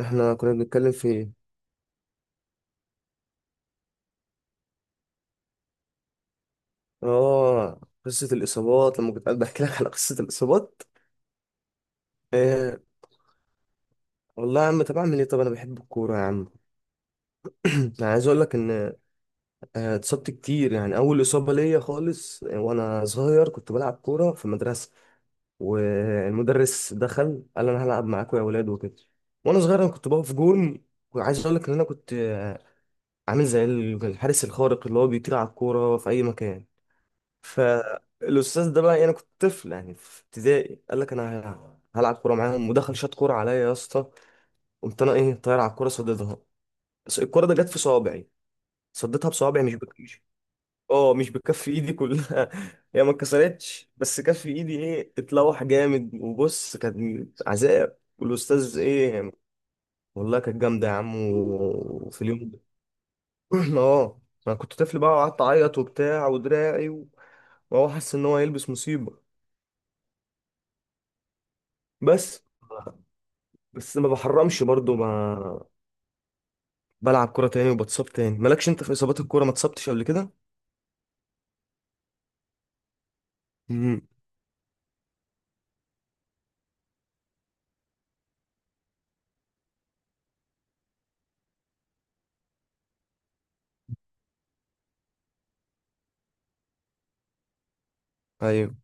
احنا كنا بنتكلم في ايه؟ اه، قصة الإصابات لما كنت قاعد بحكي لك على قصة الإصابات. إيه، والله يا عم، طب أعمل إيه؟ طب أنا بحب الكورة يا عم. أنا عايز أقول لك إن اتصبت كتير. يعني أول إصابة ليا خالص، وأنا صغير كنت بلعب كورة في المدرسة. والمدرس دخل قال أنا هلعب معاكم يا ولاد وكده. وأنا صغير أنا كنت بقف جون. وعايز أقول لك إن أنا كنت عامل زي الحارس الخارق اللي هو بيطير على الكورة في أي مكان. فالاستاذ ده بقى، يعني انا كنت طفل يعني في ابتدائي، قال لك انا هلعب كوره معاهم ودخل شاط كوره عليا يا اسطى. قمت انا ايه طاير على الكوره صديتها. بس الكوره ده جت في صوابعي. صديتها بصوابعي مش بكفي. اه، مش بكف ايدي كلها. هي ما اتكسرتش بس كف ايدي ايه اتلوح جامد وبص كان عذاب والاستاذ ايه. والله كانت جامده يا عم وفي اليوم ده. اه، انا كنت طفل بقى وقعدت اعيط وبتاع ودراعي. وهو حاسس ان هو هيلبس مصيبه. بس. بس ما بحرمش برضو. ما بلعب كرة تاني وبتصاب تاني. مالكش انت في اصابات الكورة؟ ما اتصبتش قبل كده؟ امم، ايوه،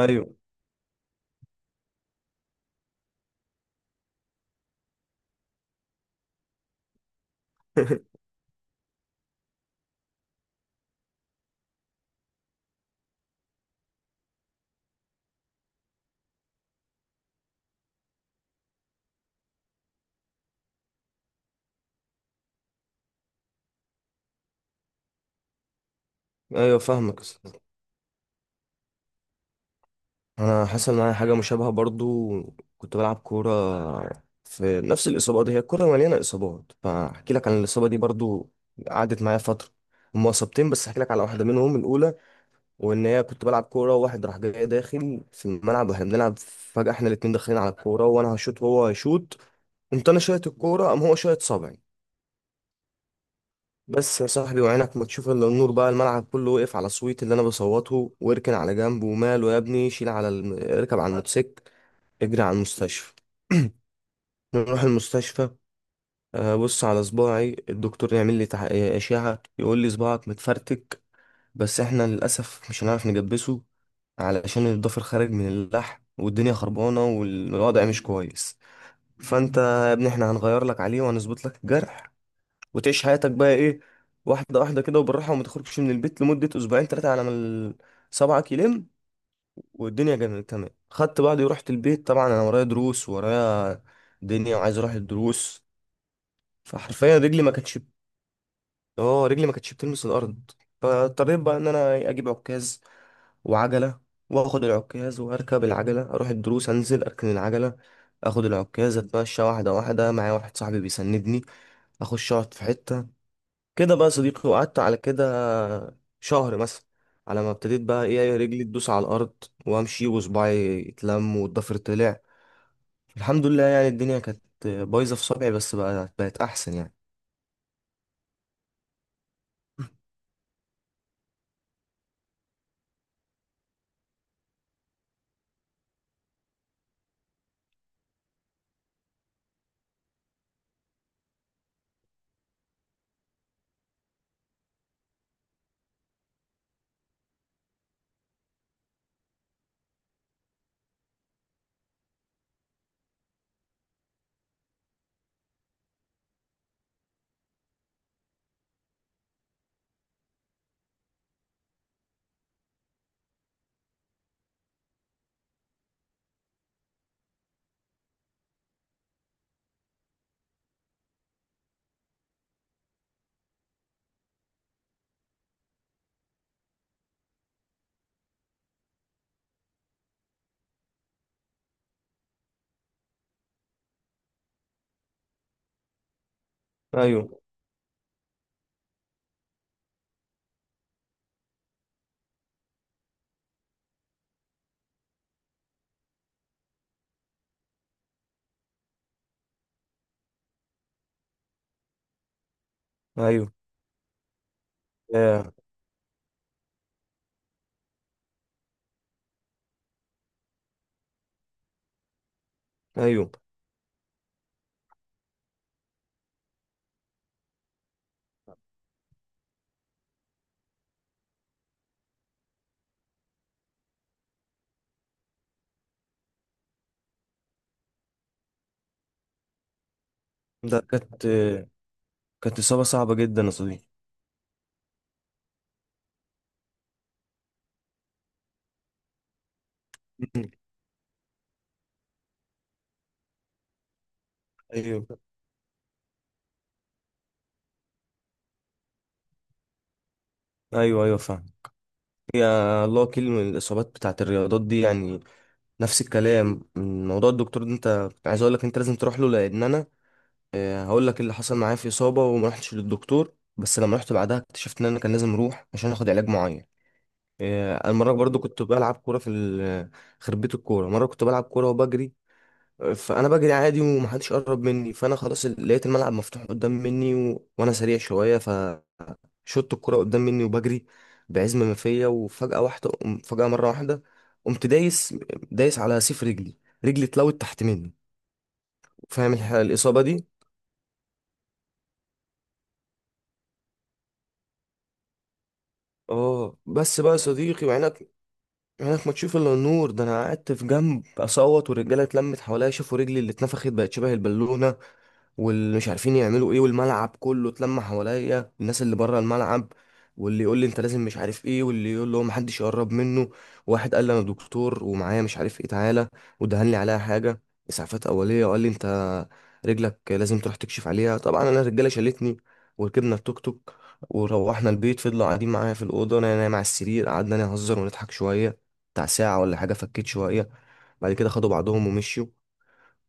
ايوه. ايوه، فاهمك يا أستاذ. انا حصل معايا حاجة مشابهة برضو. كنت بلعب كورة. في نفس الإصابة دي، هي الكورة مليانة إصابات، فاحكي لك عن الإصابة دي برضو. قعدت معايا فترة. هما إصابتين بس احكي لك على واحدة منهم، الأولى. وإن هي كنت بلعب كورة وواحد راح جاي داخل في الملعب واحنا بنلعب، فجأة احنا الاتنين داخلين على الكورة وأنا هشوط وهو هيشوط. قمت أنا شايط الكورة، قام هو شايط صابعي. بس يا صاحبي وعينك ما تشوف الا النور بقى. الملعب كله وقف على صويت اللي انا بصوته. واركن على جنب وماله يا ابني، شيل على اركب على الموتوسيكل. اجري على المستشفى. نروح المستشفى. بص على صباعي. الدكتور يعمل لي اشعه. يقول لي صباعك متفرتك. بس احنا للاسف مش هنعرف نجبسه، علشان الضفر خارج من اللحم والدنيا خربانه والوضع مش كويس. فانت يا ابني، احنا هنغير لك عليه وهنظبط لك الجرح، وتعيش حياتك بقى ايه، واحدة واحدة كده وبالراحة. وما تخرجش من البيت لمدة أسبوعين تلاتة على ما صبعك يلم. والدنيا جميلة، تمام. خدت بعضي ورحت البيت. طبعا أنا ورايا دروس، ورايا دنيا، وعايز أروح الدروس. فحرفيا رجلي ما كانتش. اه، رجلي ما كانتش بتلمس الأرض. فاضطريت بقى إن أنا إيه، أجيب عكاز وعجلة، وآخد العكاز وأركب العجلة أروح الدروس، أنزل أركن العجلة، اخد العكاز اتمشى واحده واحده، معايا واحد صاحبي بيسندني. اخش اقعد في حته كده بقى يا صديقي. وقعدت على كده شهر مثلا على ما ابتديت بقى ايه، إيه، رجلي تدوس على الارض وامشي وصباعي يتلم والضفر طلع. الحمد لله يعني. الدنيا كانت بايظه في صبعي بس بقى بقت احسن يعني. ايوه، ايوه، آه، ايوه. ده كانت، كانت اصابه صعبه جدا يا صديقي. مم. ايوه، ايوه، ايوه فاهم. يا الله، كل الاصابات بتاعت الرياضات دي يعني. نفس الكلام من موضوع الدكتور ده، انت عايز اقول لك انت لازم تروح له، لان انا هقول لك إيه اللي حصل معايا في إصابة وما رحتش للدكتور، بس لما رحت بعدها اكتشفت إن أنا كان لازم أروح عشان آخد علاج معين. المرة برضو كنت بلعب كورة في خربية الكورة. مرة كنت بلعب كورة وبجري. فأنا بجري عادي ومحدش قرب مني، فأنا خلاص لقيت الملعب مفتوح قدام مني وأنا سريع شوية. فشوت الكورة قدام مني وبجري بعزم ما فيا. وفجأة واحدة، فجأة مرة واحدة، قمت دايس، دايس على سيف رجلي. رجلي اتلوت تحت مني. فاهم الإصابة دي. اه، بس بقى يا صديقي وعينك، عينك ما تشوف الا النور. ده انا قعدت في جنب اصوت، والرجاله اتلمت حواليا، شافوا رجلي اللي اتنفخت بقت شبه البالونه. واللي مش عارفين يعملوا ايه، والملعب كله اتلم حواليا، الناس اللي بره الملعب، واللي يقول لي انت لازم مش عارف ايه، واللي يقول له محدش يقرب منه. واحد قال لي انا دكتور ومعايا مش عارف ايه، تعالى، ودهن لي عليها حاجه، اسعافات اوليه. وقال لي انت رجلك لازم تروح تكشف عليها. طبعا انا الرجاله شالتني وركبنا التوك توك وروحنا البيت. فضلوا قاعدين معايا في الاوضه، انا نايم على السرير، قعدنا نهزر ونضحك شويه بتاع ساعه ولا حاجه. فكيت شويه بعد كده، خدوا بعضهم ومشوا.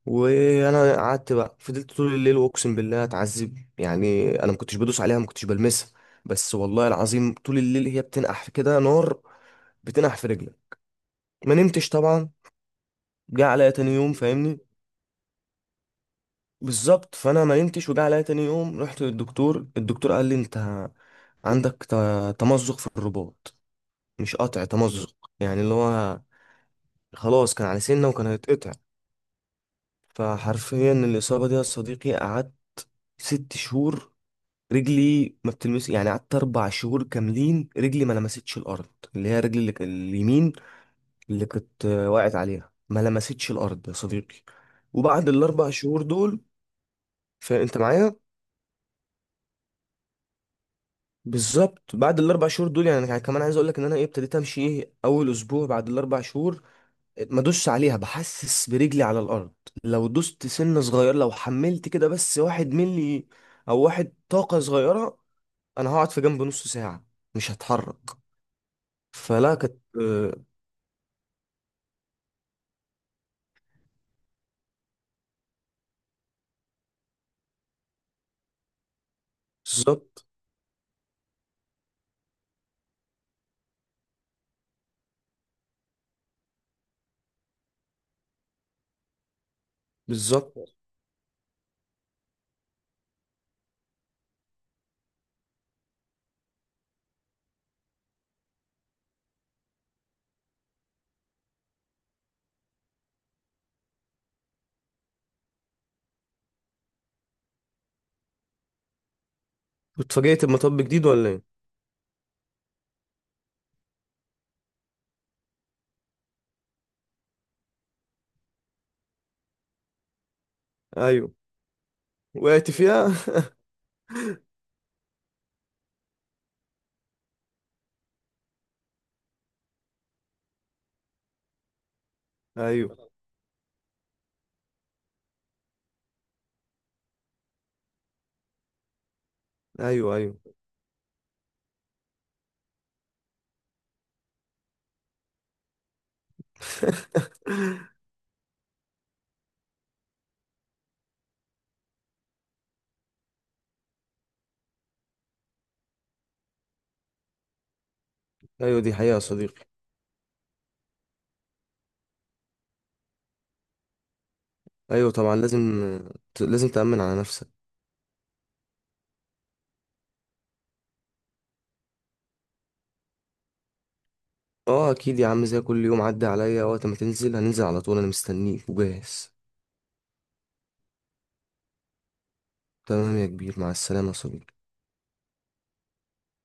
وانا قعدت بقى، فضلت طول الليل واقسم بالله اتعذب يعني. انا ما كنتش بدوس عليها، ما كنتش بلمسها، بس والله العظيم طول الليل هي بتنقح في كده نار. بتنقح في رجلي. ما نمتش طبعا. جه عليا تاني يوم فاهمني. بالظبط، فانا ما نمتش وجه عليا تاني يوم رحت للدكتور. الدكتور قال لي انت عندك تمزق في الرباط. مش قطع، تمزق يعني، اللي هو خلاص كان على سنه وكان هيتقطع. فحرفيا الاصابه دي يا صديقي قعدت 6 شهور. رجلي ما بتلمس يعني. قعدت 4 شهور كاملين، رجلي ما لمستش الارض. اللي هي رجلي اللي اليمين، اللي كنت واقعت عليها، ما لمستش الارض يا صديقي. وبعد الاربع شهور دول، فانت معايا. بالظبط. بعد الاربع شهور دول، يعني انا كمان عايز اقول لك ان انا ايه ابتديت امشي ايه اول اسبوع بعد الاربع شهور. ما ادوسش عليها، بحسس برجلي على الارض. لو دوست سن صغير، لو حملت كده بس 1 ملي، او واحد طاقه صغيره، انا هقعد في جنب نص ساعه. مش هتحرك. فلا كانت، آه، بالظبط، بالظبط. واتفاجئت لما طب جديد ولا ايه؟ ايوه وقعت فيها. ايوه، ايوه، ايوه، ايوه، دي حقيقة يا صديقي. ايوه طبعا لازم. لازم تأمن على نفسك. اه اكيد يا عم، زي كل يوم، عدى عليا وقت ما تنزل هننزل على طول، انا مستنيك وجاهز. تمام يا كبير، مع السلامة يا صديقي.